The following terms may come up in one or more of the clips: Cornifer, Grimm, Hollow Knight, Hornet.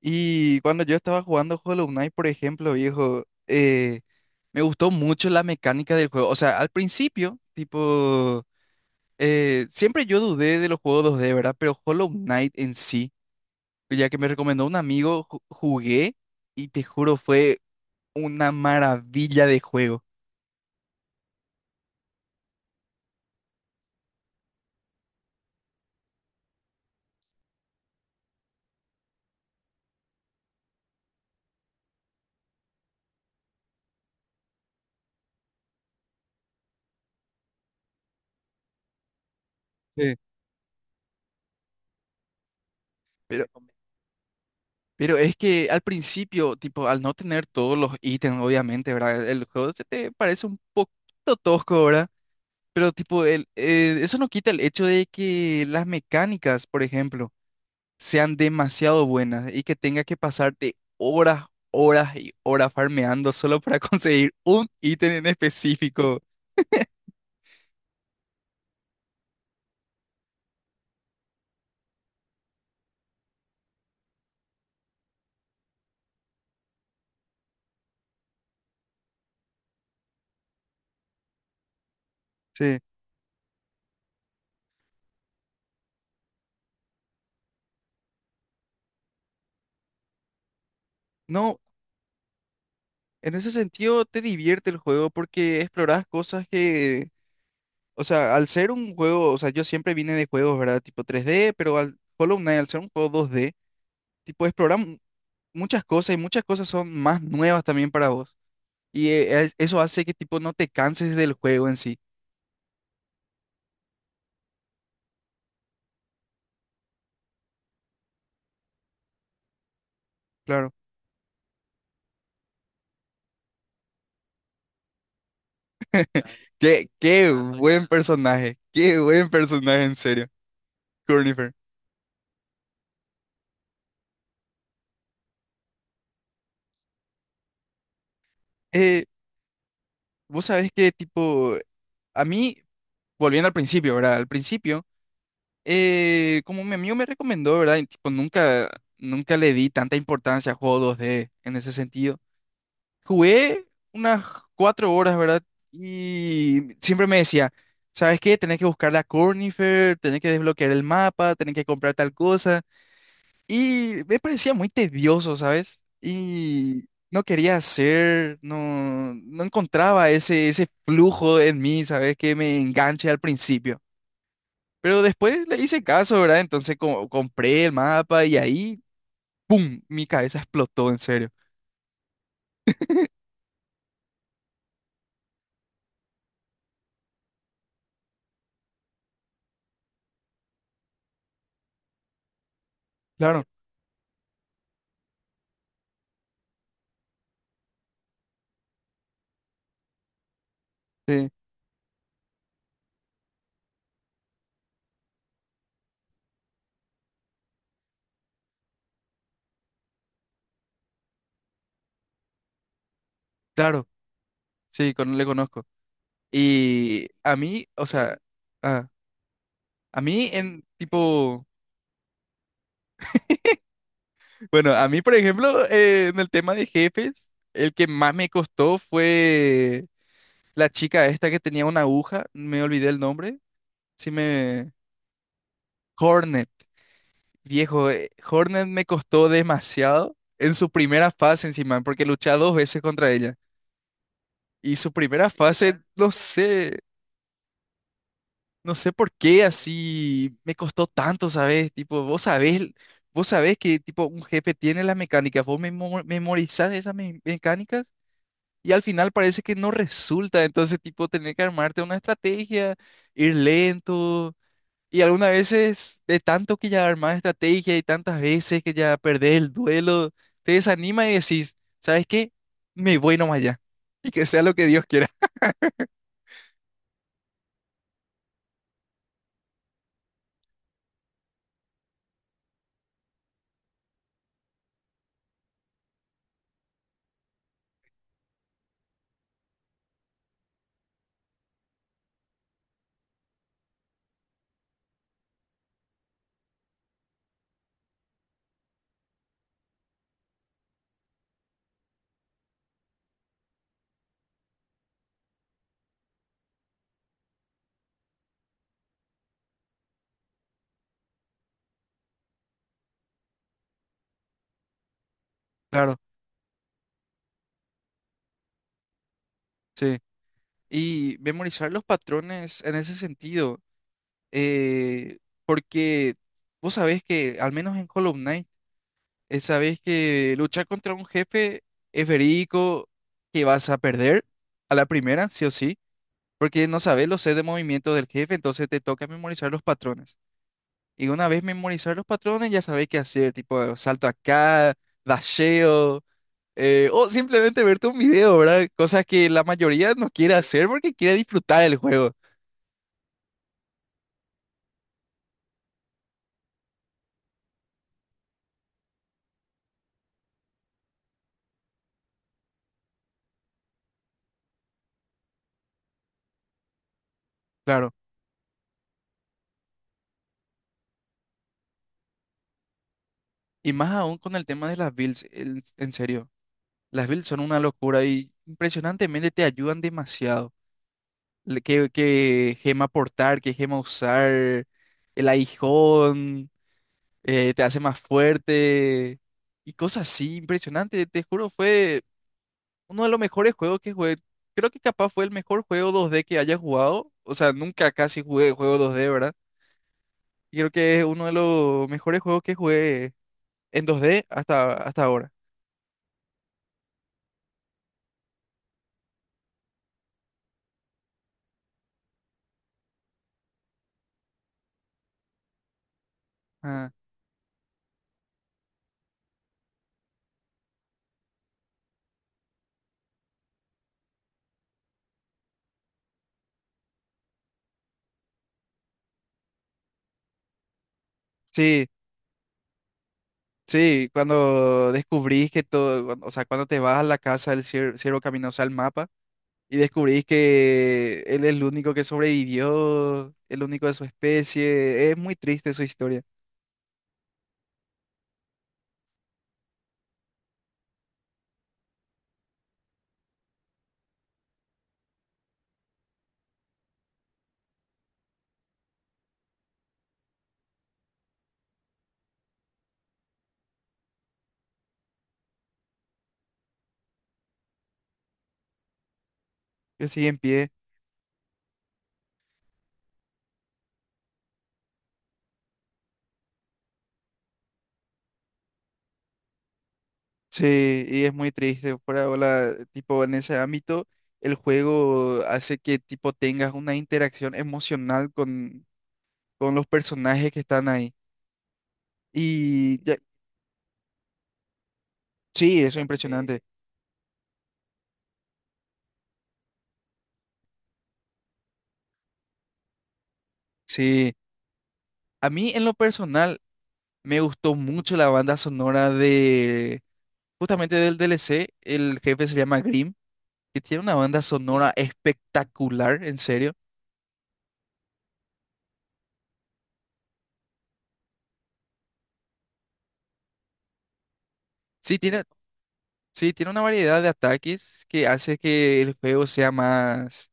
Y cuando yo estaba jugando Hollow Knight, por ejemplo, viejo, me gustó mucho la mecánica del juego. O sea, al principio, tipo, siempre yo dudé de los juegos dos d, ¿verdad? Pero Hollow Knight en sí, ya que me recomendó un amigo, jugué y te juro, fue una maravilla de juego. Sí. Pero, pero es que al principio, tipo, al no tener todos los ítems, obviamente, ¿verdad? El juego se te parece un poquito tosco, ¿verdad? Pero tipo, eso no quita el hecho de que las mecánicas, por ejemplo, sean demasiado buenas y que tenga que pasarte horas, horas y horas farmeando solo para conseguir un ítem en específico. Sí. No, en ese sentido te divierte el juego porque exploras cosas que, o sea, al ser un juego, o sea, yo siempre vine de juegos, ¿verdad? Tipo tres d, pero al Hollow Knight, al ser un juego dos d, tipo, explorar muchas cosas y muchas cosas son más nuevas también para vos. Y eso hace que, tipo, no te canses del juego en sí, claro. Qué, qué buen personaje, en serio, Cornifer. Eh, vos sabés que, tipo, a mí, volviendo al principio, ¿verdad? Al principio, como mi amigo me recomendó, ¿verdad? Y, tipo, nunca, nunca le di tanta importancia a juegos dos d en ese sentido. Jugué unas cuatro horas, ¿verdad? Y siempre me decía, ¿sabes qué? Tenés que buscar la Cornifer, tenés que desbloquear el mapa, tenés que comprar tal cosa. Y me parecía muy tedioso, ¿sabes? Y no quería hacer, no, no encontraba ese, ese flujo en mí, ¿sabes? Que me enganche al principio. Pero después le hice caso, ¿verdad? Entonces compré el mapa y ahí, ¡pum! Mi cabeza explotó, en serio. Claro, sí, claro, sí, le conozco. Y a mí, o sea, ah, a mí en tipo, bueno, a mí, por ejemplo, en el tema de jefes, el que más me costó fue la chica esta que tenía una aguja, me olvidé el nombre, sí me... Hornet, viejo, Hornet me costó demasiado en su primera fase encima, porque luché dos veces contra ella. Y su primera fase, no sé, no sé por qué así me costó tanto, ¿sabes? Tipo, vos sabés que tipo un jefe tiene las mecánicas, vos memorizás esas mecánicas y al final parece que no resulta, entonces tipo tener que armarte una estrategia, ir lento y algunas veces de tanto que ya armás estrategia y tantas veces que ya perdés el duelo, te desanima y decís, ¿sabes qué? Me voy nomás ya y que sea lo que Dios quiera. Claro, sí. Y memorizar los patrones en ese sentido. eh, Porque vos sabés que, al menos en Hollow Knight, sabés que luchar contra un jefe es verídico que vas a perder a la primera, sí o sí, porque no sabés los sets de movimiento del jefe, entonces te toca memorizar los patrones. Y una vez memorizar los patrones, ya sabés qué hacer, tipo salto acá, dasheo, o simplemente verte un video, ¿verdad? Cosas que la mayoría no quiere hacer porque quiere disfrutar el juego, claro. Y más aún con el tema de las builds, en serio. Las builds son una locura y impresionantemente te ayudan demasiado. ¿Qué, qué gema portar, qué gema usar, el aguijón, te hace más fuerte y cosas así, impresionante. Te juro, fue uno de los mejores juegos que jugué. Creo que capaz fue el mejor juego 2D que haya jugado. O sea, nunca casi jugué juego 2D, ¿verdad? Y creo que es uno de los mejores juegos que jugué en 2D hasta, hasta ahora. Ah, sí. Sí, cuando descubrís que todo, cuando, o sea, cuando te vas a la casa del ciervo caminoso al mapa y descubrís que él es el único que sobrevivió, el único de su especie, es muy triste su historia, que sigue en pie, sí, y es muy triste, por ahora, tipo, en ese ámbito, el juego hace que, tipo, tengas una interacción emocional con los personajes que están ahí, y ya- sí, eso es. Sí, impresionante, sí. A mí en lo personal, me gustó mucho la banda sonora de justamente del DLC. El jefe se llama Grimm, que tiene una banda sonora espectacular, en serio. Sí, tiene, sí, tiene una variedad de ataques que hace que el juego sea más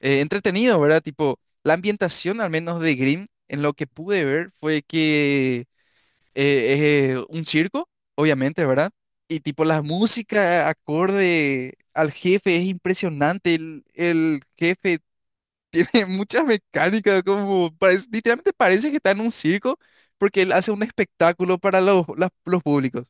entretenido, ¿verdad? Tipo, la ambientación, al menos de Grimm, en lo que pude ver, fue que es un circo, obviamente, ¿verdad? Y tipo, la música acorde al jefe es impresionante. El jefe tiene muchas mecánicas, como parece, literalmente parece que está en un circo porque él hace un espectáculo para los, los públicos.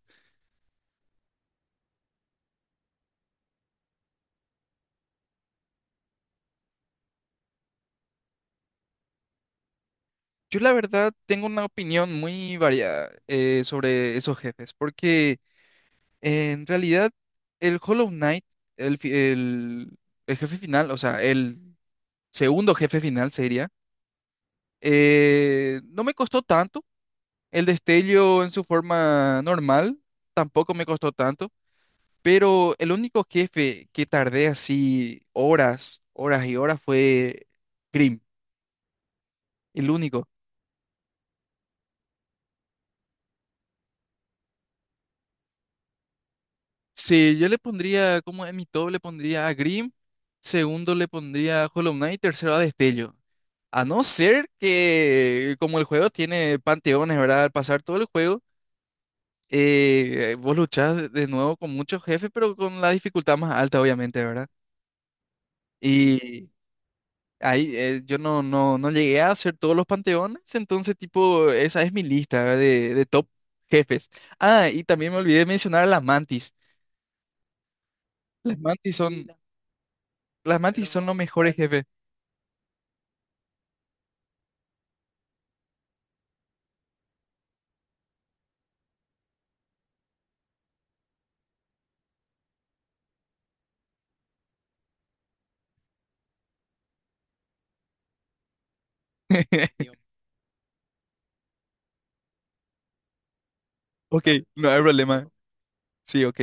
Yo la verdad tengo una opinión muy variada sobre esos jefes, porque en realidad el Hollow Knight, el, fi- el, el jefe final, o sea, el segundo jefe final sería, no me costó tanto. El destello en su forma normal tampoco me costó tanto. Pero el único jefe que tardé así horas, horas y horas fue Grimm, el único. Sí, yo le pondría, como en mi top le pondría a Grimm, segundo le pondría a Hollow Knight, tercero a Destello. A no ser que, como el juego tiene panteones, ¿verdad? Al pasar todo el juego, vos luchás de nuevo con muchos jefes, pero con la dificultad más alta, obviamente, ¿verdad? Y ahí, yo no, no, no llegué a hacer todos los panteones, entonces tipo, esa es mi lista de top jefes. Ah, y también me olvidé mencionar a las mantis. Las mantis son, las mantis son los mejores jefes. Ok, no hay problema. Sí, ok.